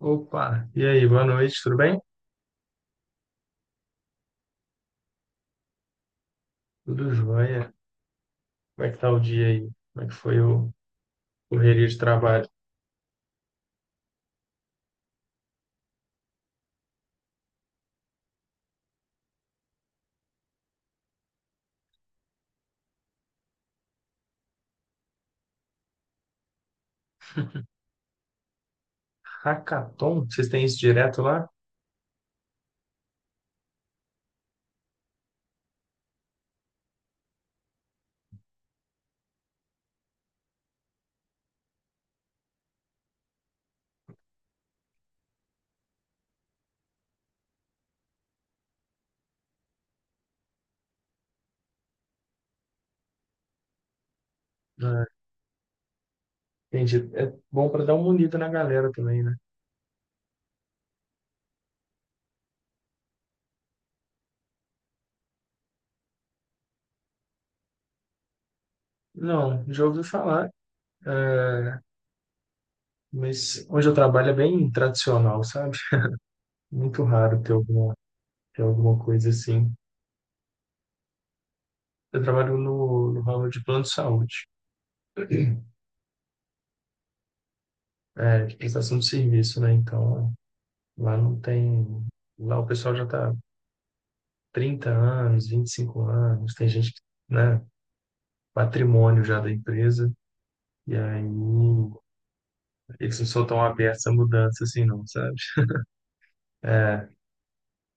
Opa, e aí, boa noite, tudo bem? Tudo jóia. Como é que tá o dia aí? Como é que foi o correria de trabalho? Hackathon? Vocês têm isso direto lá? Ah, entendi. É bom para dar uma unida na galera também, né? Não, já ouvi falar, é, mas onde eu trabalho é bem tradicional, sabe? Muito raro ter alguma coisa assim. Eu trabalho no ramo de plano de saúde, de prestação de serviço, né? Então, lá não tem. Lá o pessoal já está 30 anos, 25 anos, tem gente que, né, patrimônio já da empresa, e aí eles não são tão abertos à mudança assim, não, sabe?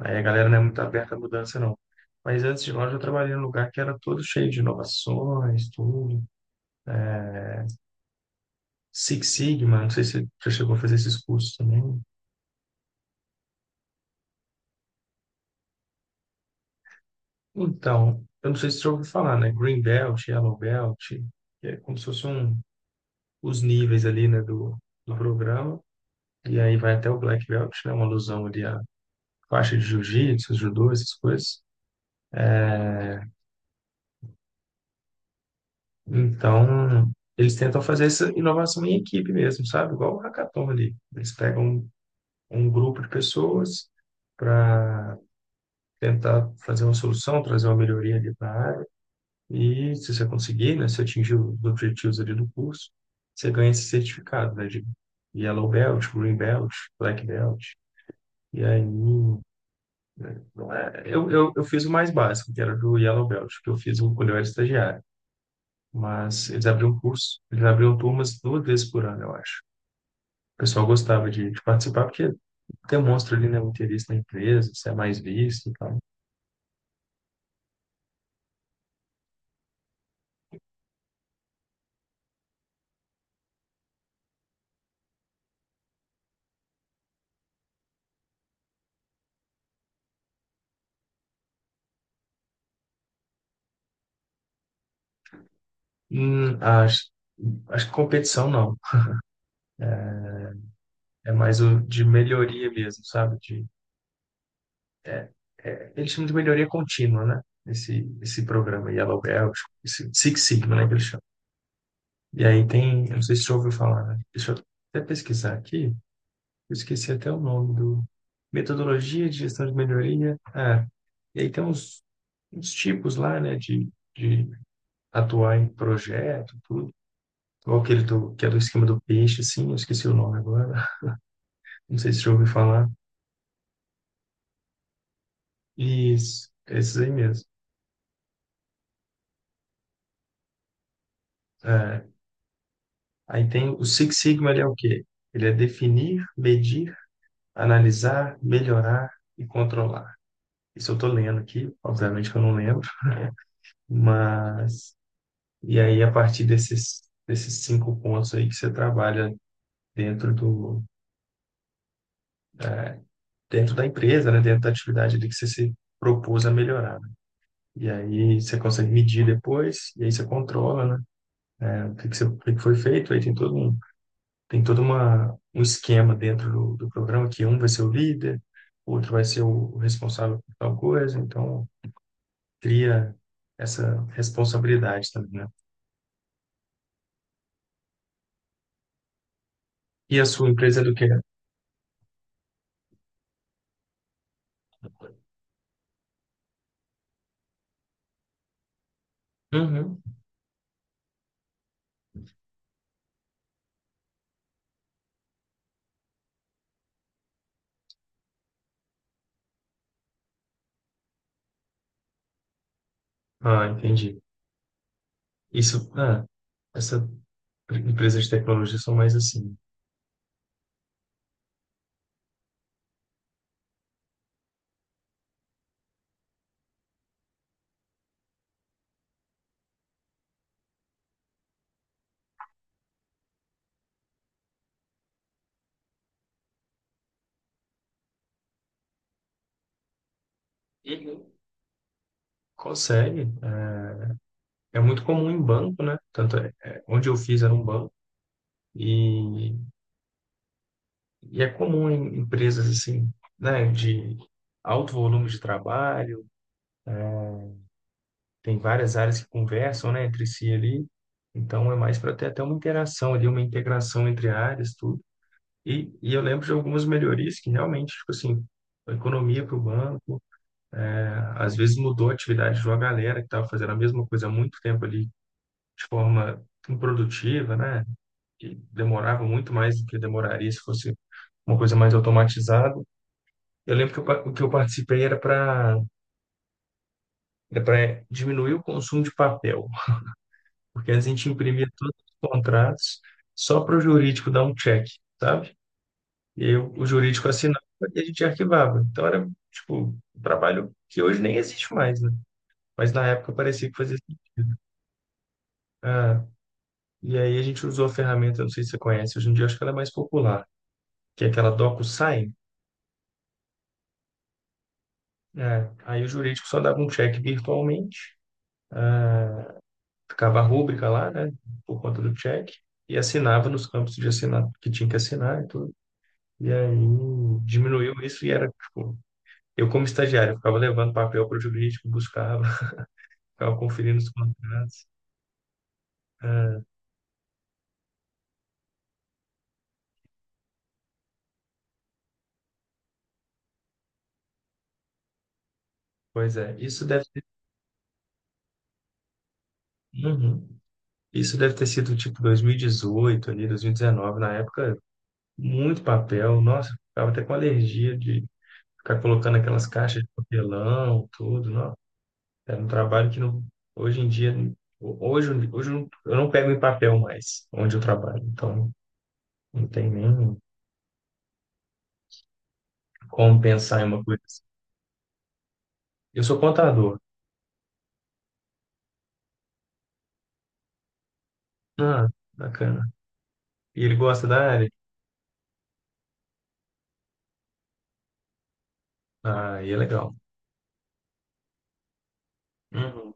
Aí a galera não é muito aberta à mudança, não. Mas antes de lá, eu já trabalhei num lugar que era todo cheio de inovações, tudo. Six Sigma, não sei se você já chegou a fazer esses cursos também. Então, eu não sei se você já ouviu falar, né? Green Belt, Yellow Belt, que é como se os níveis ali, né, do programa. E aí vai até o Black Belt, né? Uma alusão ali a faixa de jiu-jitsu, judô, essas coisas. Então, eles tentam fazer essa inovação em equipe mesmo, sabe? Igual o hackathon ali. Eles pegam um grupo de pessoas para tentar fazer uma solução, trazer uma melhoria ali para a área. E se você conseguir, né, se atingir os objetivos ali do curso, você ganha esse certificado, né, de Yellow Belt, Green Belt, Black Belt. E aí, né, não é, eu fiz o mais básico, que era do Yellow Belt, que eu fiz quando eu era estagiário. Mas eles abriam turmas 2 vezes por ano, eu acho. O pessoal gostava de participar porque demonstra ali, né, o interesse na empresa, se é mais visto e tal. Hum, acho, acho que competição não, é mais o de melhoria mesmo, sabe? É, Eles chamam de melhoria contínua, né? Esse programa Yellow Belt, esse Six Sigma, né, que eles chamam. E aí tem, eu não sei se você já ouviu falar, né? Deixa eu até pesquisar aqui. Eu esqueci até o nome do. Metodologia de gestão de melhoria. Ah, e aí tem uns tipos lá, né, de atuar em projeto, tudo. Ou aquele que é do esquema do peixe, assim, eu esqueci o nome agora. Não sei se já ouviu falar. Isso, esses aí mesmo. É, aí tem o Six Sigma, ele é o quê? Ele é definir, medir, analisar, melhorar e controlar. Isso eu tô lendo aqui, obviamente que eu não lembro, mas e aí, a partir desses 5 pontos aí que você trabalha dentro do, é, dentro da empresa, né? Dentro da atividade ali que você se propôs a melhorar, né? E aí, você consegue medir depois, e aí você controla, né? É, o que foi feito, aí tem todo um esquema dentro do programa, que um vai ser o líder, outro vai ser o responsável por tal coisa, então cria essa responsabilidade também, né? E a sua empresa é do que? Uhum. Ah, entendi. Isso, essas empresas de tecnologia são mais assim. Uhum. Consegue. É muito comum em banco, né? Tanto onde eu fiz era um banco e, e é comum em empresas assim, né? De alto volume de trabalho, tem várias áreas que conversam, né, entre si ali. Então é mais para ter até uma interação ali, uma integração entre áreas, tudo. E eu lembro de algumas melhorias que realmente, tipo assim, a economia para o banco, às vezes mudou a atividade de uma galera que estava fazendo a mesma coisa há muito tempo ali, de forma improdutiva, né? Que demorava muito mais do que demoraria se fosse uma coisa mais automatizada. Eu lembro que o que eu participei era para diminuir o consumo de papel, porque antes a gente imprimia todos os contratos só para o jurídico dar um check, sabe? E aí o jurídico assinava e a gente arquivava. Então era, tipo, um trabalho que hoje nem existe mais, né? Mas na época parecia que fazia sentido. Ah, E aí a gente usou a ferramenta, não sei se você conhece, hoje em dia acho que ela é mais popular, que é aquela DocuSign. É, aí o jurídico só dava um check virtualmente, ah, ficava a rúbrica lá, né, por conta do check, e assinava nos campos de assinar que tinha que assinar e tudo. E aí diminuiu isso e era, tipo, eu como estagiário, eu ficava levando papel para o jurídico, buscava, ficava conferindo os contratos. Ah, Pois é, isso deve ter, uhum, isso deve ter sido tipo 2018 ali, 2019, na época. Muito papel, nossa, eu ficava até com alergia de ficar colocando aquelas caixas de papelão, tudo, não. Era um trabalho que não, hoje em dia, hoje eu não pego em papel mais, onde eu trabalho, então não tem nem como pensar em uma coisa assim. Eu sou contador. Ah, bacana. E ele gosta da área? Ah, e é legal. Uhum.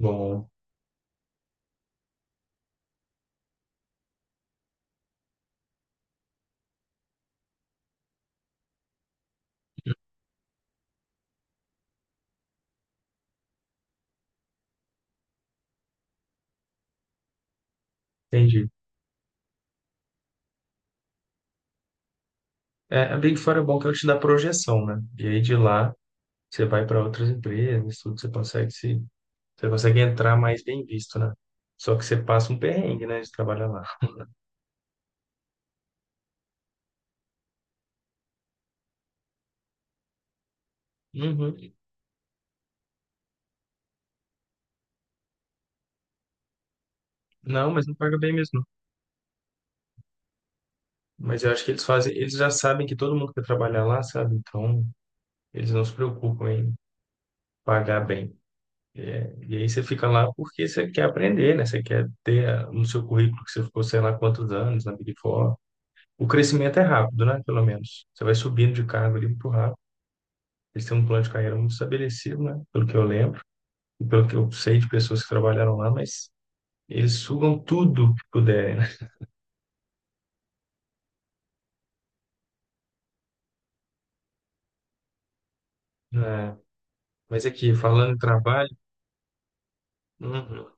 Bom, entendi. É, a Big Four é bom que ela te dá projeção, né? E aí de lá você vai para outras empresas, tudo, você consegue se você consegue entrar mais bem visto, né? Só que você passa um perrengue, né, de trabalhar lá. Uhum. Não, mas não paga bem mesmo, não. Mas eu acho que eles já sabem que todo mundo quer trabalhar lá, sabe? Então, eles não se preocupam em pagar bem. É, e aí você fica lá porque você quer aprender, né? Você quer ter, no seu currículo, que você ficou, sei lá, quantos anos na Big Four. O crescimento é rápido, né? Pelo menos. Você vai subindo de cargo ali muito rápido. Eles têm um plano de carreira muito estabelecido, né? Pelo que eu lembro e pelo que eu sei de pessoas que trabalharam lá, mas eles sugam tudo que puderem, né? É, mas aqui, falando em trabalho, uhum,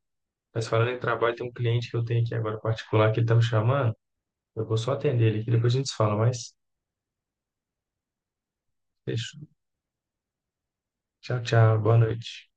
mas falando em trabalho, tem um cliente que eu tenho aqui agora particular que ele tá me chamando. Eu vou só atender ele aqui, depois a gente se fala, mas fechou. Tchau, tchau, boa noite.